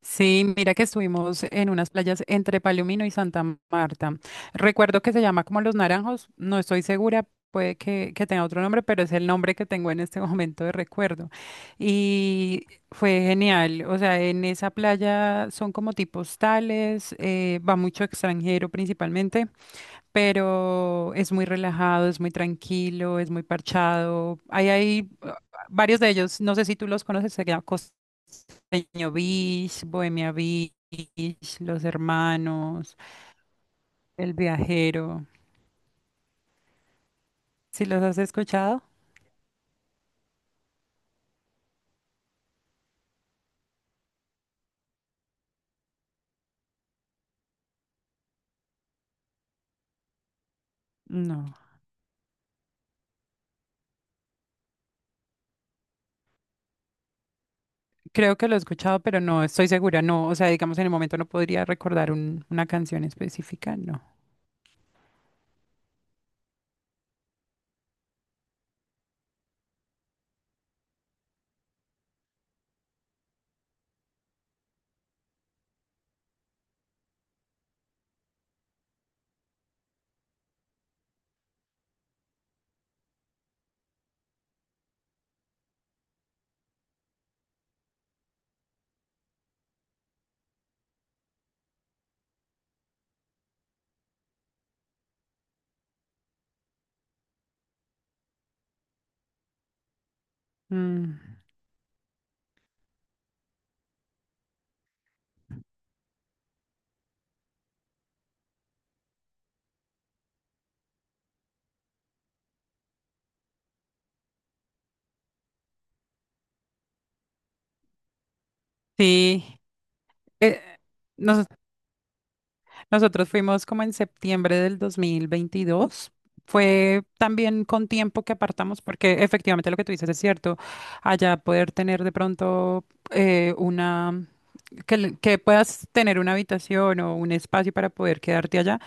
Sí, mira que estuvimos en unas playas entre Palomino y Santa Marta. Recuerdo que se llama como Los Naranjos, no estoy segura, puede que tenga otro nombre, pero es el nombre que tengo en este momento de recuerdo. Y fue genial, o sea, en esa playa son como tipos tales, va mucho extranjero principalmente, pero es muy relajado, es muy tranquilo, es muy parchado. Ahí hay varios de ellos, no sé si tú los conoces, se llama Peño Beach, Bohemia Beach, Los Hermanos, El Viajero. ¿Sí los has escuchado? No, creo que lo he escuchado, pero no estoy segura, no, o sea, digamos en el momento no podría recordar una canción específica, no. Mm, sí, eh, nos- nosotros fuimos como en septiembre del 2022. Fue también con tiempo que apartamos, porque efectivamente lo que tú dices es cierto. Allá poder tener de pronto una que puedas tener una habitación o un espacio para poder quedarte allá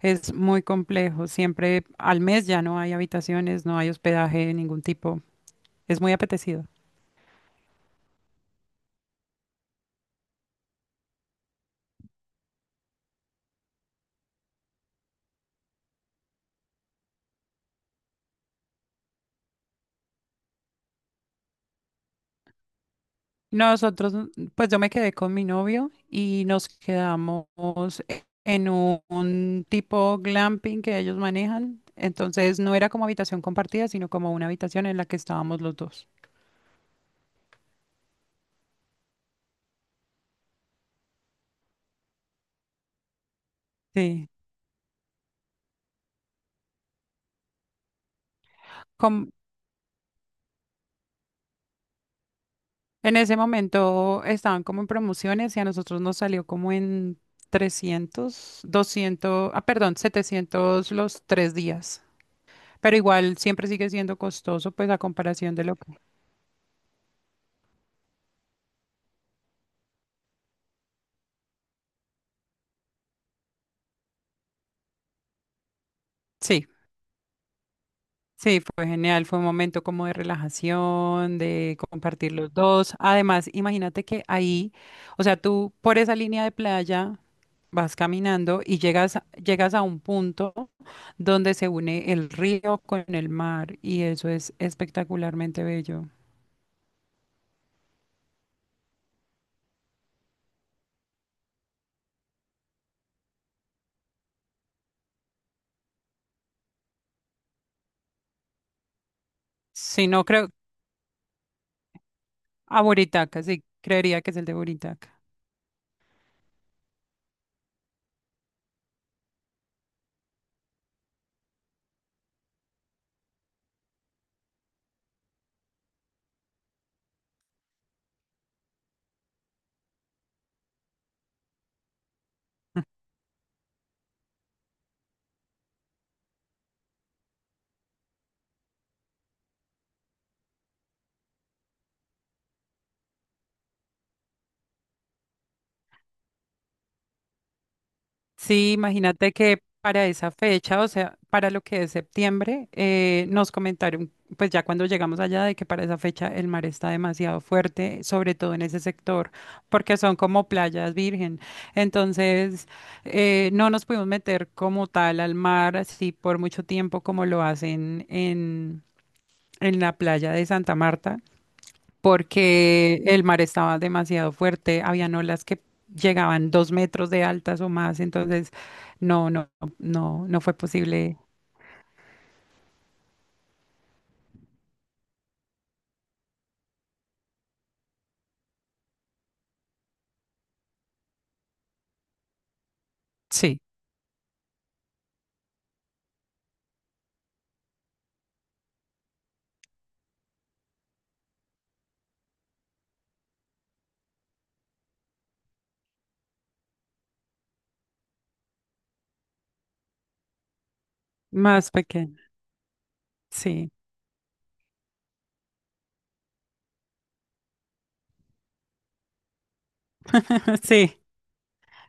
es muy complejo. Siempre al mes ya no hay habitaciones, no hay hospedaje de ningún tipo. Es muy apetecido. Nosotros, pues yo me quedé con mi novio y nos quedamos en un tipo glamping que ellos manejan. Entonces no era como habitación compartida, sino como una habitación en la que estábamos los dos. Sí. En ese momento estaban como en promociones y a nosotros nos salió como en 300 200 ah, perdón, 700 los 3 días. Pero igual siempre sigue siendo costoso, pues a comparación de lo que... Sí, sí, fue genial, fue un momento como de relajación, de compartir los dos. Además, imagínate que ahí, o sea, tú por esa línea de playa vas caminando y llegas a un punto donde se une el río con el mar y eso es espectacularmente bello. Si no creo, a Buritaca, sí, creería que es el de Buritaca. Sí, imagínate que para esa fecha, o sea, para lo que es septiembre, nos comentaron, pues ya cuando llegamos allá, de que para esa fecha el mar está demasiado fuerte, sobre todo en ese sector, porque son como playas virgen. Entonces, no nos pudimos meter como tal al mar así por mucho tiempo como lo hacen en la playa de Santa Marta porque el mar estaba demasiado fuerte, habían olas que llegaban 2 metros de altas o más, entonces no, no, no fue posible. Sí, más pequeña, sí, sí,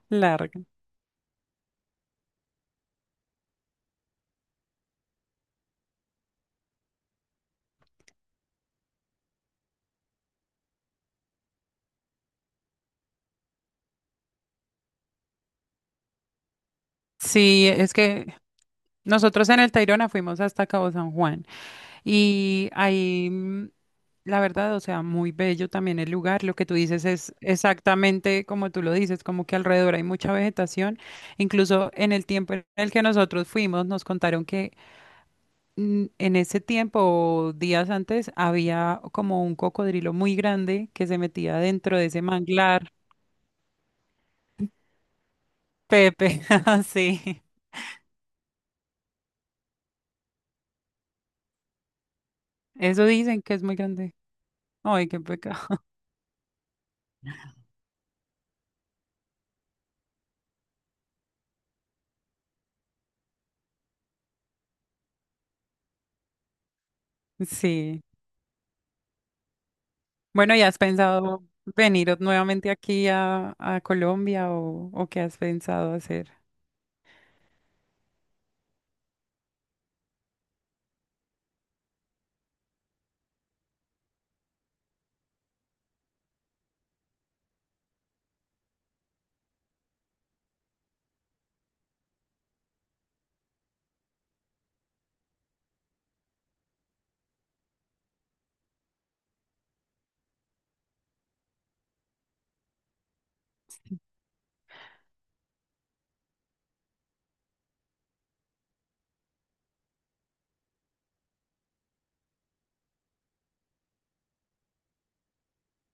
larga. Sí, es que nosotros en el Tayrona fuimos hasta Cabo San Juan y ahí la verdad, o sea, muy bello también el lugar. Lo que tú dices es exactamente como tú lo dices, como que alrededor hay mucha vegetación. Incluso en el tiempo en el que nosotros fuimos, nos contaron que en ese tiempo, o días antes, había como un cocodrilo muy grande que se metía dentro de ese manglar. Pepe, sí. Eso dicen que es muy grande. Ay, qué pecado. Sí. Bueno, ¿y has pensado venir nuevamente aquí a Colombia o qué has pensado hacer?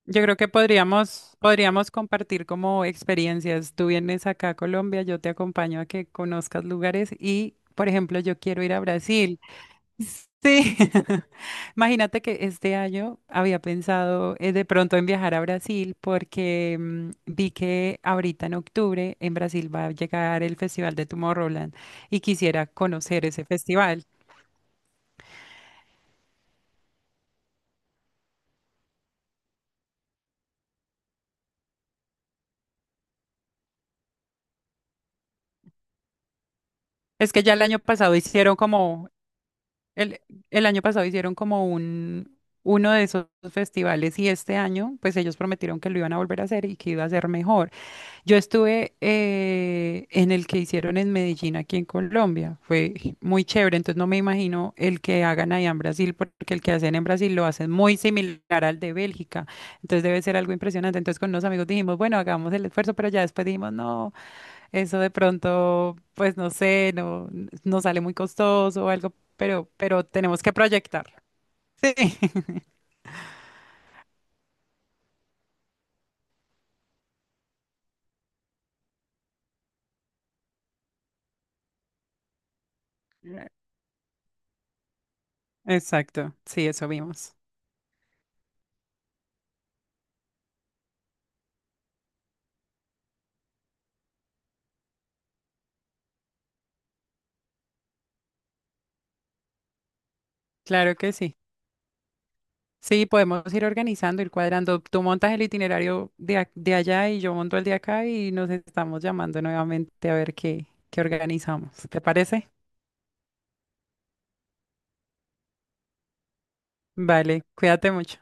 Yo creo que podríamos compartir como experiencias. Tú vienes acá a Colombia, yo te acompaño a que conozcas lugares y, por ejemplo, yo quiero ir a Brasil. Sí. Imagínate que este año había pensado de pronto en viajar a Brasil porque vi que ahorita en octubre en Brasil va a llegar el Festival de Tomorrowland y quisiera conocer ese festival. Es que ya el año pasado hicieron como El, el año pasado hicieron como uno de esos festivales y este año, pues ellos prometieron que lo iban a volver a hacer y que iba a ser mejor. Yo estuve en el que hicieron en Medellín, aquí en Colombia. Fue muy chévere, entonces no me imagino el que hagan allá en Brasil, porque el que hacen en Brasil lo hacen muy similar al de Bélgica. Entonces debe ser algo impresionante. Entonces con unos amigos dijimos, bueno, hagamos el esfuerzo, pero ya después dijimos, no. Eso de pronto, pues no sé, no sale muy costoso o algo, pero tenemos que proyectarlo. Sí, exacto. Sí, eso vimos. Claro que sí. Sí, podemos ir organizando, ir cuadrando. Tú montas el itinerario de, de allá y yo monto el de acá y nos estamos llamando nuevamente a ver qué, qué organizamos. ¿Te parece? Vale, cuídate mucho.